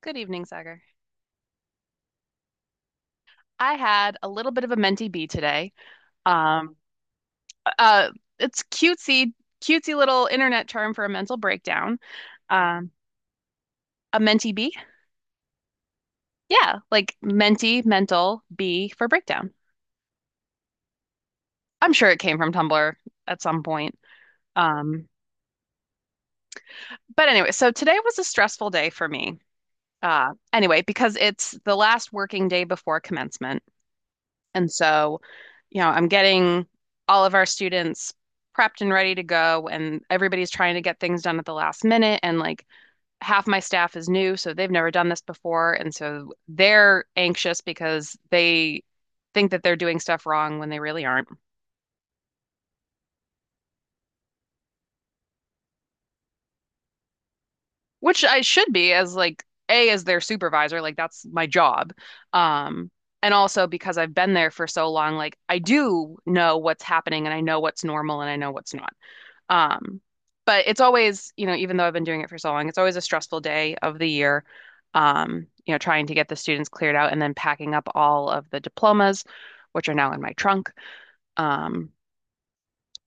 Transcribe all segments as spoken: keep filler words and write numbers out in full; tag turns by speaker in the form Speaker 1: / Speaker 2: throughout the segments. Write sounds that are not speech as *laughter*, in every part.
Speaker 1: Good evening, Sagar. I had a little bit of a mentee bee today. Um, uh, it's cutesy, cutesy little internet term for a mental breakdown. Um, a mentee bee? Yeah, like mentee, mental, bee for breakdown. I'm sure it came from Tumblr at some point. Um, but anyway, so today was a stressful day for me. Uh, anyway, because it's the last working day before commencement. And so, you know, I'm getting all of our students prepped and ready to go, and everybody's trying to get things done at the last minute. And like half my staff is new, so they've never done this before. And so they're anxious because they think that they're doing stuff wrong when they really aren't, which I should be as like A, as their supervisor, like that's my job. Um, and also because I've been there for so long, like I do know what's happening and I know what's normal and I know what's not. Um, but it's always, you know, even though I've been doing it for so long, it's always a stressful day of the year. Um, you know, trying to get the students cleared out and then packing up all of the diplomas, which are now in my trunk. Um,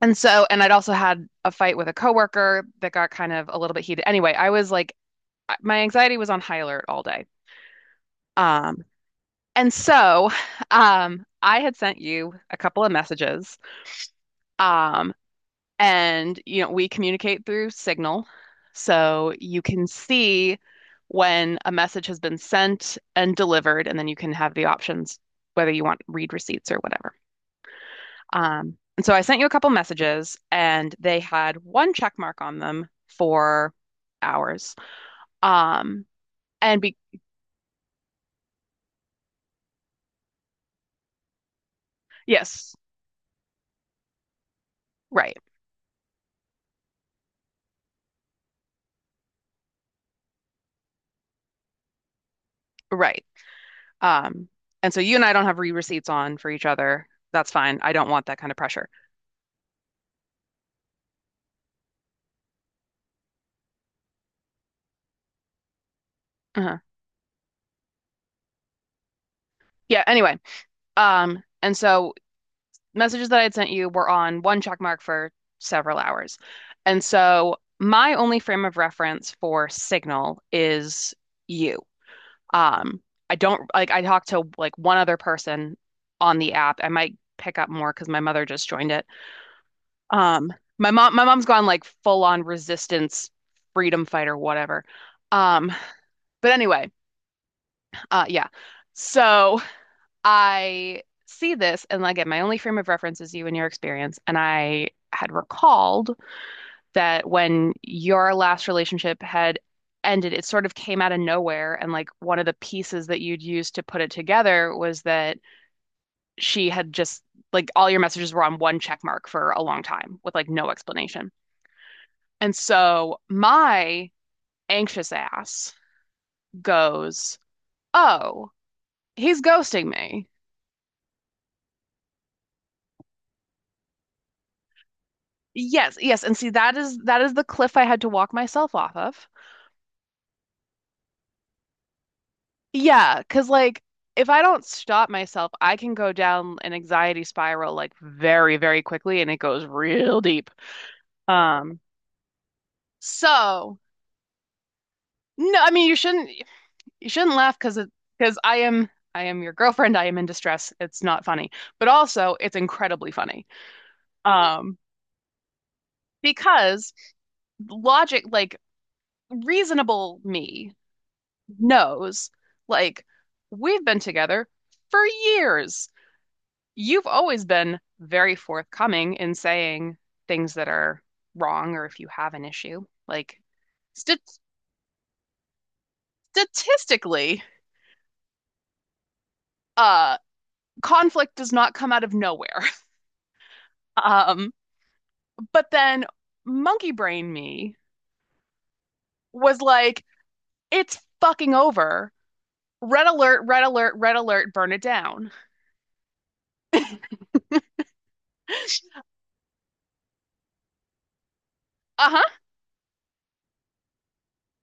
Speaker 1: and so, and I'd also had a fight with a coworker that got kind of a little bit heated. Anyway, I was like, my anxiety was on high alert all day. Um, and so, *sighs* um, I had sent you a couple of messages. Um, And, you know, we communicate through Signal. So you can see when a message has been sent and delivered, and then you can have the options whether you want read receipts or whatever. Um, and so I sent you a couple messages, and they had one check mark on them for hours. Um, and be Yes, right, right. Um, and so you and I don't have read receipts on for each other. That's fine. I don't want that kind of pressure. Uh-huh. Yeah, anyway. Um, and so messages that I had sent you were on one check mark for several hours. And so my only frame of reference for Signal is you. Um, I don't, like, I talked to like one other person on the app. I might pick up more because my mother just joined it. Um, my mom my mom's gone like full on resistance freedom fighter whatever. Um, but anyway, uh yeah. So I see this, and like, again, my only frame of reference is you and your experience. And I had recalled that when your last relationship had ended, it sort of came out of nowhere. And like one of the pieces that you'd used to put it together was that she had just, like, all your messages were on one check mark for a long time with like no explanation. And so my anxious ass goes, oh, he's ghosting me. Yes, yes, and see that is that is the cliff I had to walk myself off of. Yeah, 'cause like if I don't stop myself, I can go down an anxiety spiral like very, very quickly and it goes real deep. Um, so no, I mean you shouldn't, you shouldn't laugh 'cause it 'cause I am, I am your girlfriend, I am in distress. It's not funny. But also it's incredibly funny. Um, because logic, like, reasonable me knows, like, we've been together for years. You've always been very forthcoming in saying things that are wrong or if you have an issue. Like, st statistically, uh, conflict does not come out of nowhere. *laughs* Um, but then monkey brain me was like, it's fucking over. Red alert, red alert, red alert, burn it down. *laughs* Uh-huh.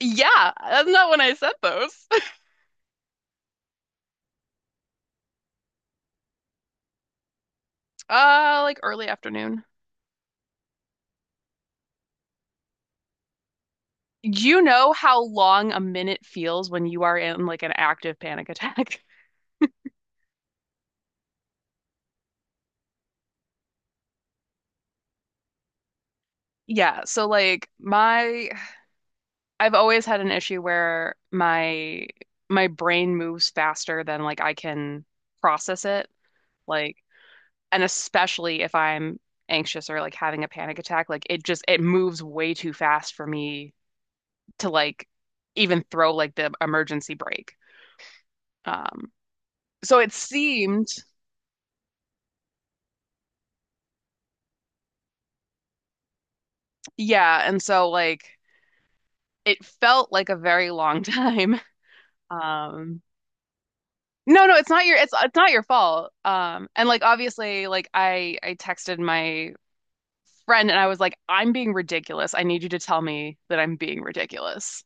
Speaker 1: Yeah, that's not when I said those. Uh, like early afternoon. You know how long a minute feels when you are in like an active panic attack. *laughs* Yeah, so like my I've always had an issue where my my brain moves faster than like I can process it. Like, and especially if I'm anxious or like having a panic attack, like it just, it moves way too fast for me to like even throw like the emergency brake. Um so it seemed, yeah, and so like it felt like a very long time. *laughs* Um, no, no, it's not your, it's it's not your fault. Um, and like obviously, like I I texted my friend and I was like, I'm being ridiculous. I need you to tell me that I'm being ridiculous.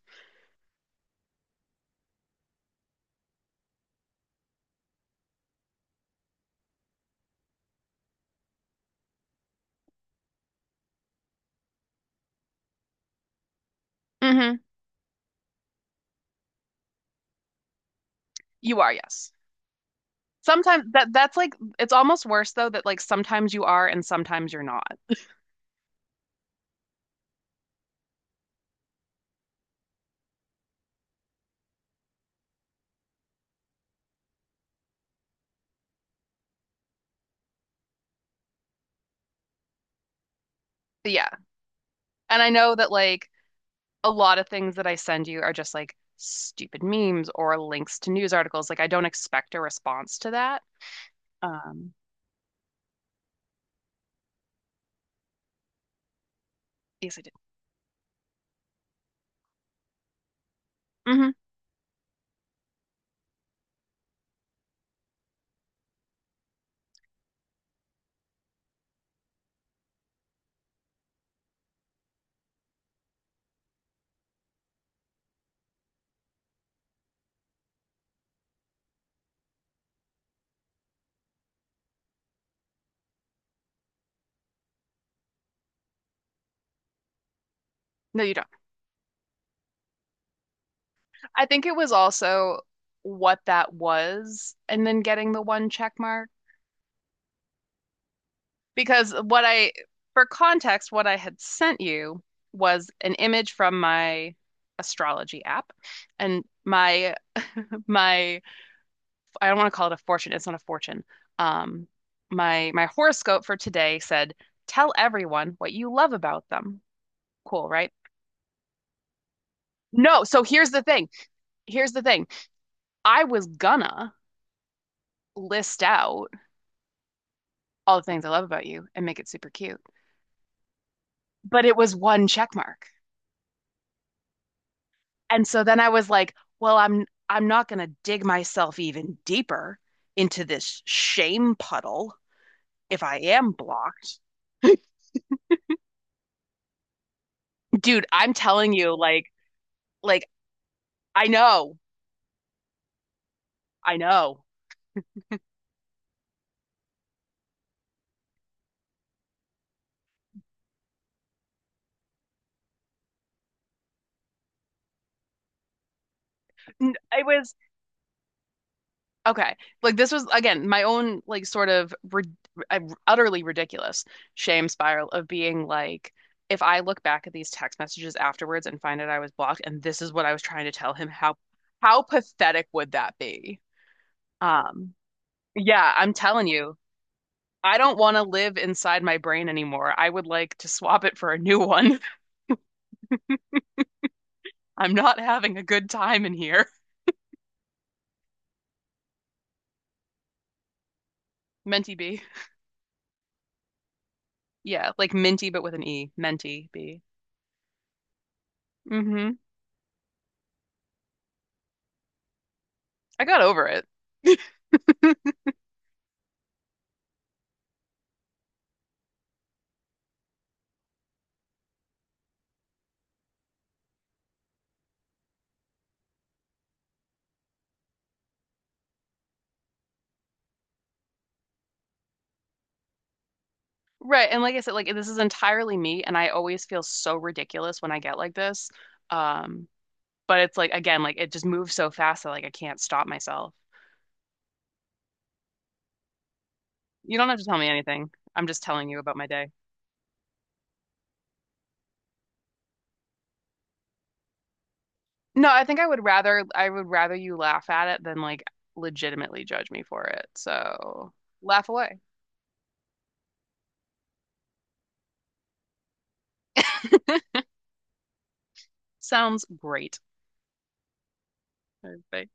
Speaker 1: Hmm. You are, yes. Sometimes that that's like, it's almost worse though that like sometimes you are and sometimes you're not. But yeah. And I know that like a lot of things that I send you are just like stupid memes or links to news articles. Like I don't expect a response to that. Um, yes, I did. Hmm. No, you don't. I think it was also what that was, and then getting the one check mark. Because what I, for context, what I had sent you was an image from my astrology app, and my my I don't want to call it a fortune. It's not a fortune. Um, my my horoscope for today said, "Tell everyone what you love about them." Cool, right? No, so here's the thing. Here's the thing. I was gonna list out all the things I love about you and make it super cute. But it was one check mark. And so then I was like, well, I'm I'm not going to dig myself even deeper into this shame puddle if I am blocked. Dude, I'm telling you like like I know. I know. It was Okay. Like this was again my own like sort of rid uh, utterly ridiculous shame spiral of being like, if I look back at these text messages afterwards and find out I was blocked and this is what I was trying to tell him, how how pathetic would that be? Um yeah, I'm telling you. I don't want to live inside my brain anymore. I would like to swap it for a new one. *laughs* I'm not having a good time in here. Menti B. Yeah, like minty but with an E. Menti B. Hmm. I got over it. *laughs* Right. And like I said, like this is entirely me, and I always feel so ridiculous when I get like this. Um, but it's like again, like it just moves so fast that like I can't stop myself. You don't have to tell me anything. I'm just telling you about my day. No, I think I would rather I would rather you laugh at it than like legitimately judge me for it. So laugh away. *laughs* Sounds great. I- I